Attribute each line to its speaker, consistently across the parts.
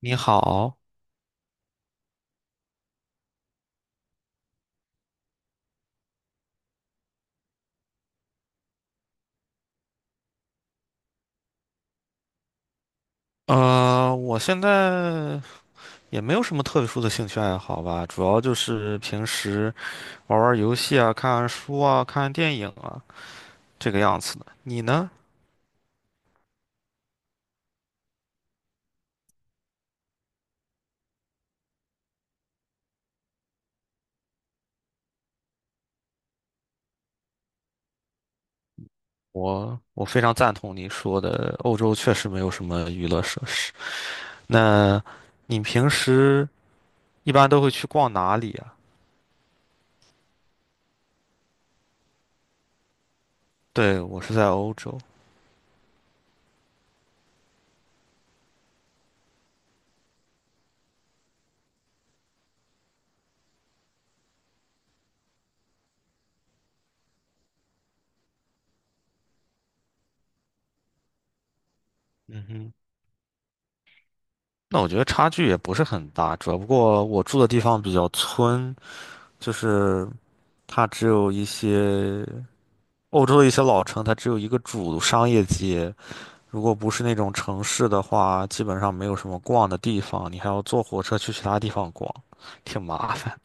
Speaker 1: 你好。我现在也没有什么特殊的兴趣爱好吧，主要就是平时玩玩游戏啊、看看书啊、看看电影啊，这个样子的。你呢？我非常赞同你说的，欧洲确实没有什么娱乐设施。那你平时一般都会去逛哪里啊？对，我是在欧洲。嗯哼。那我觉得差距也不是很大，主要不过我住的地方比较村，就是它只有一些。欧洲的一些老城，它只有一个主商业街，如果不是那种城市的话，基本上没有什么逛的地方，你还要坐火车去其他地方逛，挺麻烦。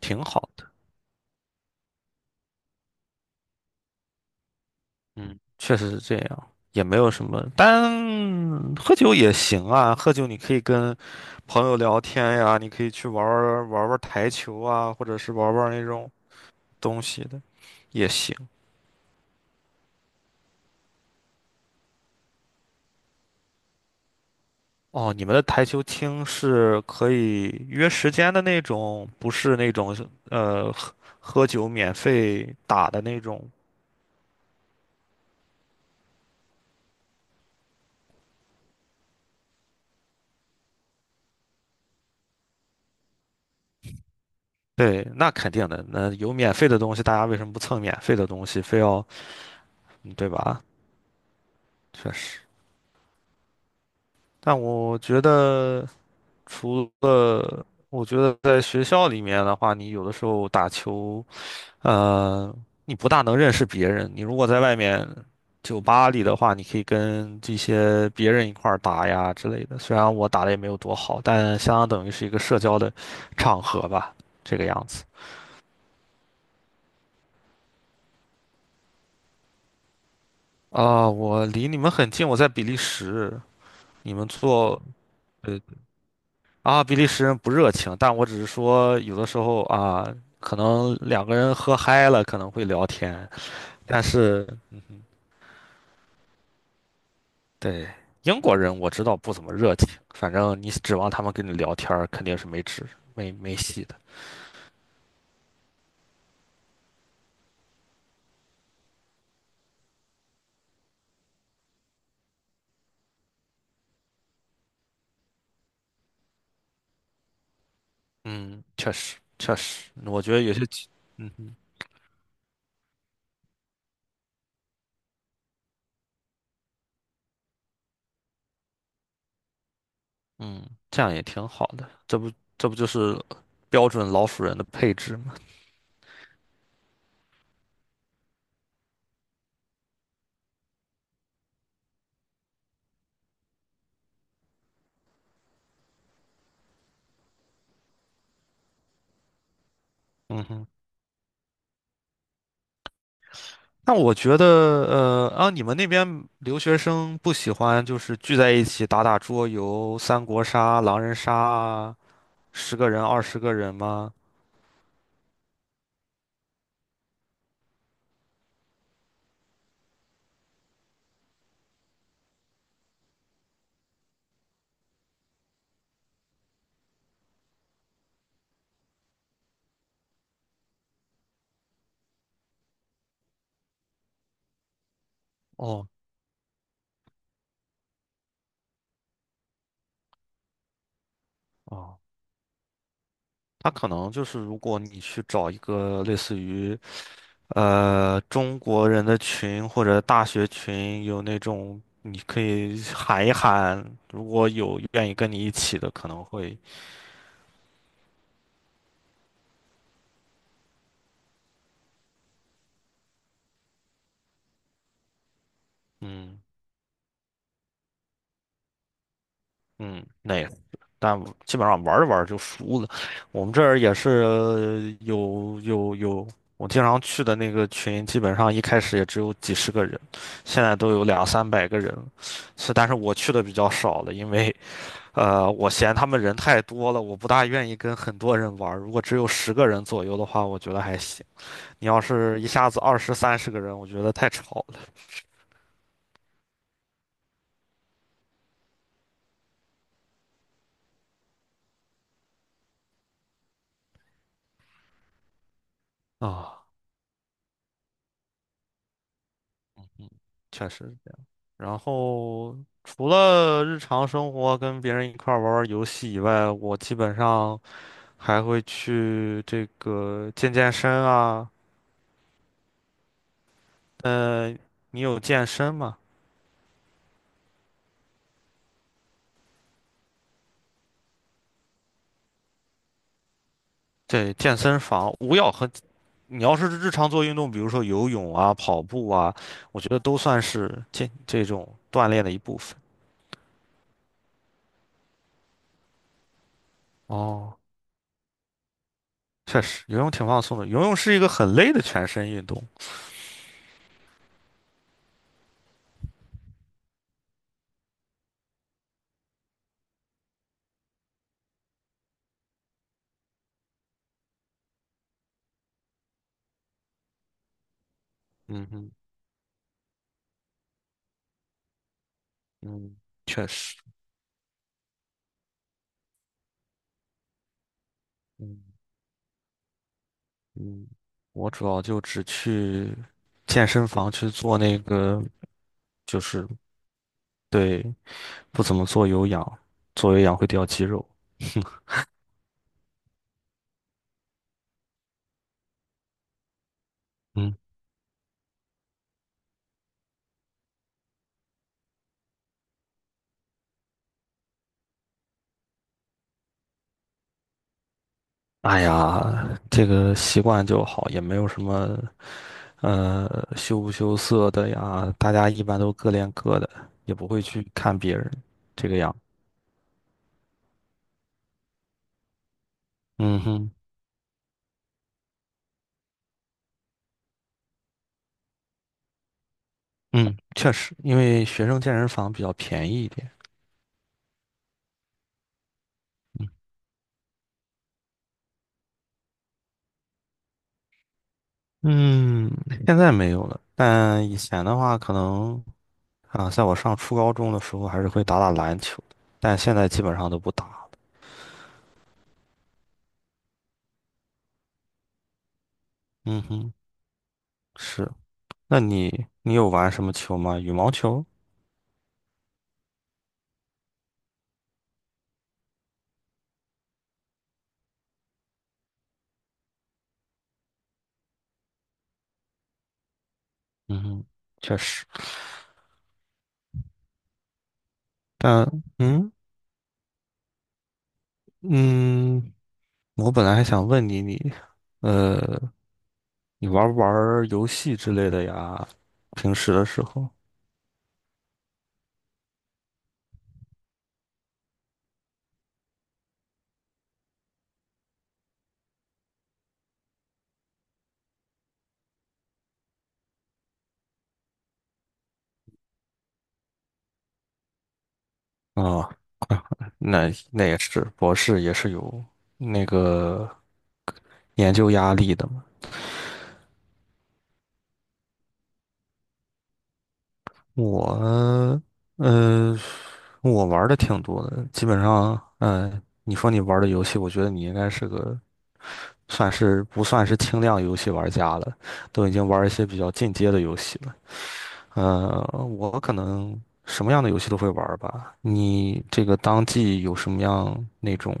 Speaker 1: 挺好的。嗯，确实是这样，也没有什么，但喝酒也行啊，喝酒你可以跟朋友聊天呀，你可以去玩儿玩儿台球啊，或者是玩儿玩儿那种东西的也行。哦，你们的台球厅是可以约时间的那种，不是那种呃喝喝酒免费打的那种。对，那肯定的。那有免费的东西，大家为什么不蹭免费的东西，非要，嗯对吧？确实。但我觉得，除了我觉得在学校里面的话，你有的时候打球。呃，你不大能认识别人。你如果在外面酒吧里的话，你可以跟这些别人一块儿打呀之类的。虽然我打的也没有多好，但相当等于是一个社交的场合吧，这个样子。啊、我离你们很近，我在比利时。你们做呃啊，比利时人不热情，但我只是说有的时候啊，可能两个人喝嗨了可能会聊天，但是。对，英国人我知道不怎么热情，反正你指望他们跟你聊天儿肯定是没指没没戏的。嗯，确实确实，我觉得有些情，嗯哼。嗯，这样也挺好的，这不就是标准老鼠人的配置吗？嗯哼。那我觉得，你们那边留学生不喜欢就是聚在一起打打桌游、三国杀、狼人杀啊，十个人、20个人吗？哦。哦，他可能就是，如果你去找一个类似于中国人的群或者大学群，有那种你可以喊一喊，如果有愿意跟你一起的，可能会嗯嗯那个，但基本上玩着玩着就输了。我们这儿也是有有有，我经常去的那个群，基本上一开始也只有几十个人，现在都有两三百个人了。是，但是我去的比较少了，因为。我嫌他们人太多了，我不大愿意跟很多人玩儿。如果只有十个人左右的话，我觉得还行。你要是一下子二十三十个人，我觉得太吵了啊。嗯，确实是这样。然后除了日常生活跟别人一块儿玩玩游戏以外，我基本上还会去这个健身啊。呃，你有健身吗？对，健身房，无氧和你要是日常做运动，比如说游泳啊、跑步啊，我觉得都算是健这种锻炼的一部分。哦，确实，游泳挺放松的。游泳是一个很累的全身运动。嗯哼。嗯，确实。嗯。嗯，我主要就只去健身房去做那个，就是对，不怎么做有氧，做有氧会掉肌肉。嗯，哎呀，这个习惯就好，也没有什么。羞不羞涩的呀，大家一般都各练各的，也不会去看别人这个样。嗯哼。嗯，确实，因为学生健身房比较便宜一点。嗯，现在没有了，但以前的话，可能啊，在我上初高中的时候，还是会打打篮球，但现在基本上都不打了。嗯哼。是。那你有玩什么球吗？羽毛球？嗯哼。确实。但嗯嗯，我本来还想问你，你，呃，你玩不玩儿游戏之类的呀？平时的时候啊，那那也是，博士也是有那个研究压力的嘛。我，呃，我玩的挺多的，基本上，嗯，你说你玩的游戏，我觉得你应该是个算是不算是轻量游戏玩家了，都已经玩一些比较进阶的游戏了。呃，我可能什么样的游戏都会玩儿吧。你这个当季有什么样那种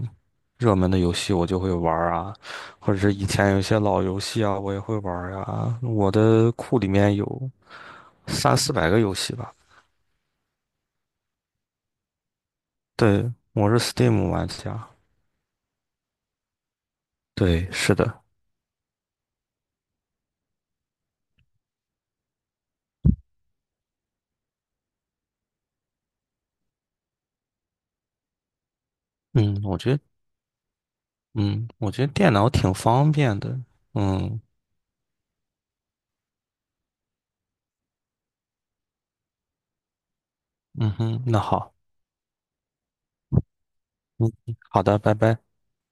Speaker 1: 热门的游戏，我就会玩儿啊，或者是以前有一些老游戏啊，我也会玩儿呀。我的库里面有三四百个游戏吧。对，我是 Steam 玩家。对，是的。嗯，我觉得，嗯，我觉得电脑挺方便的。嗯。嗯哼，那好。嗯，好的，拜拜。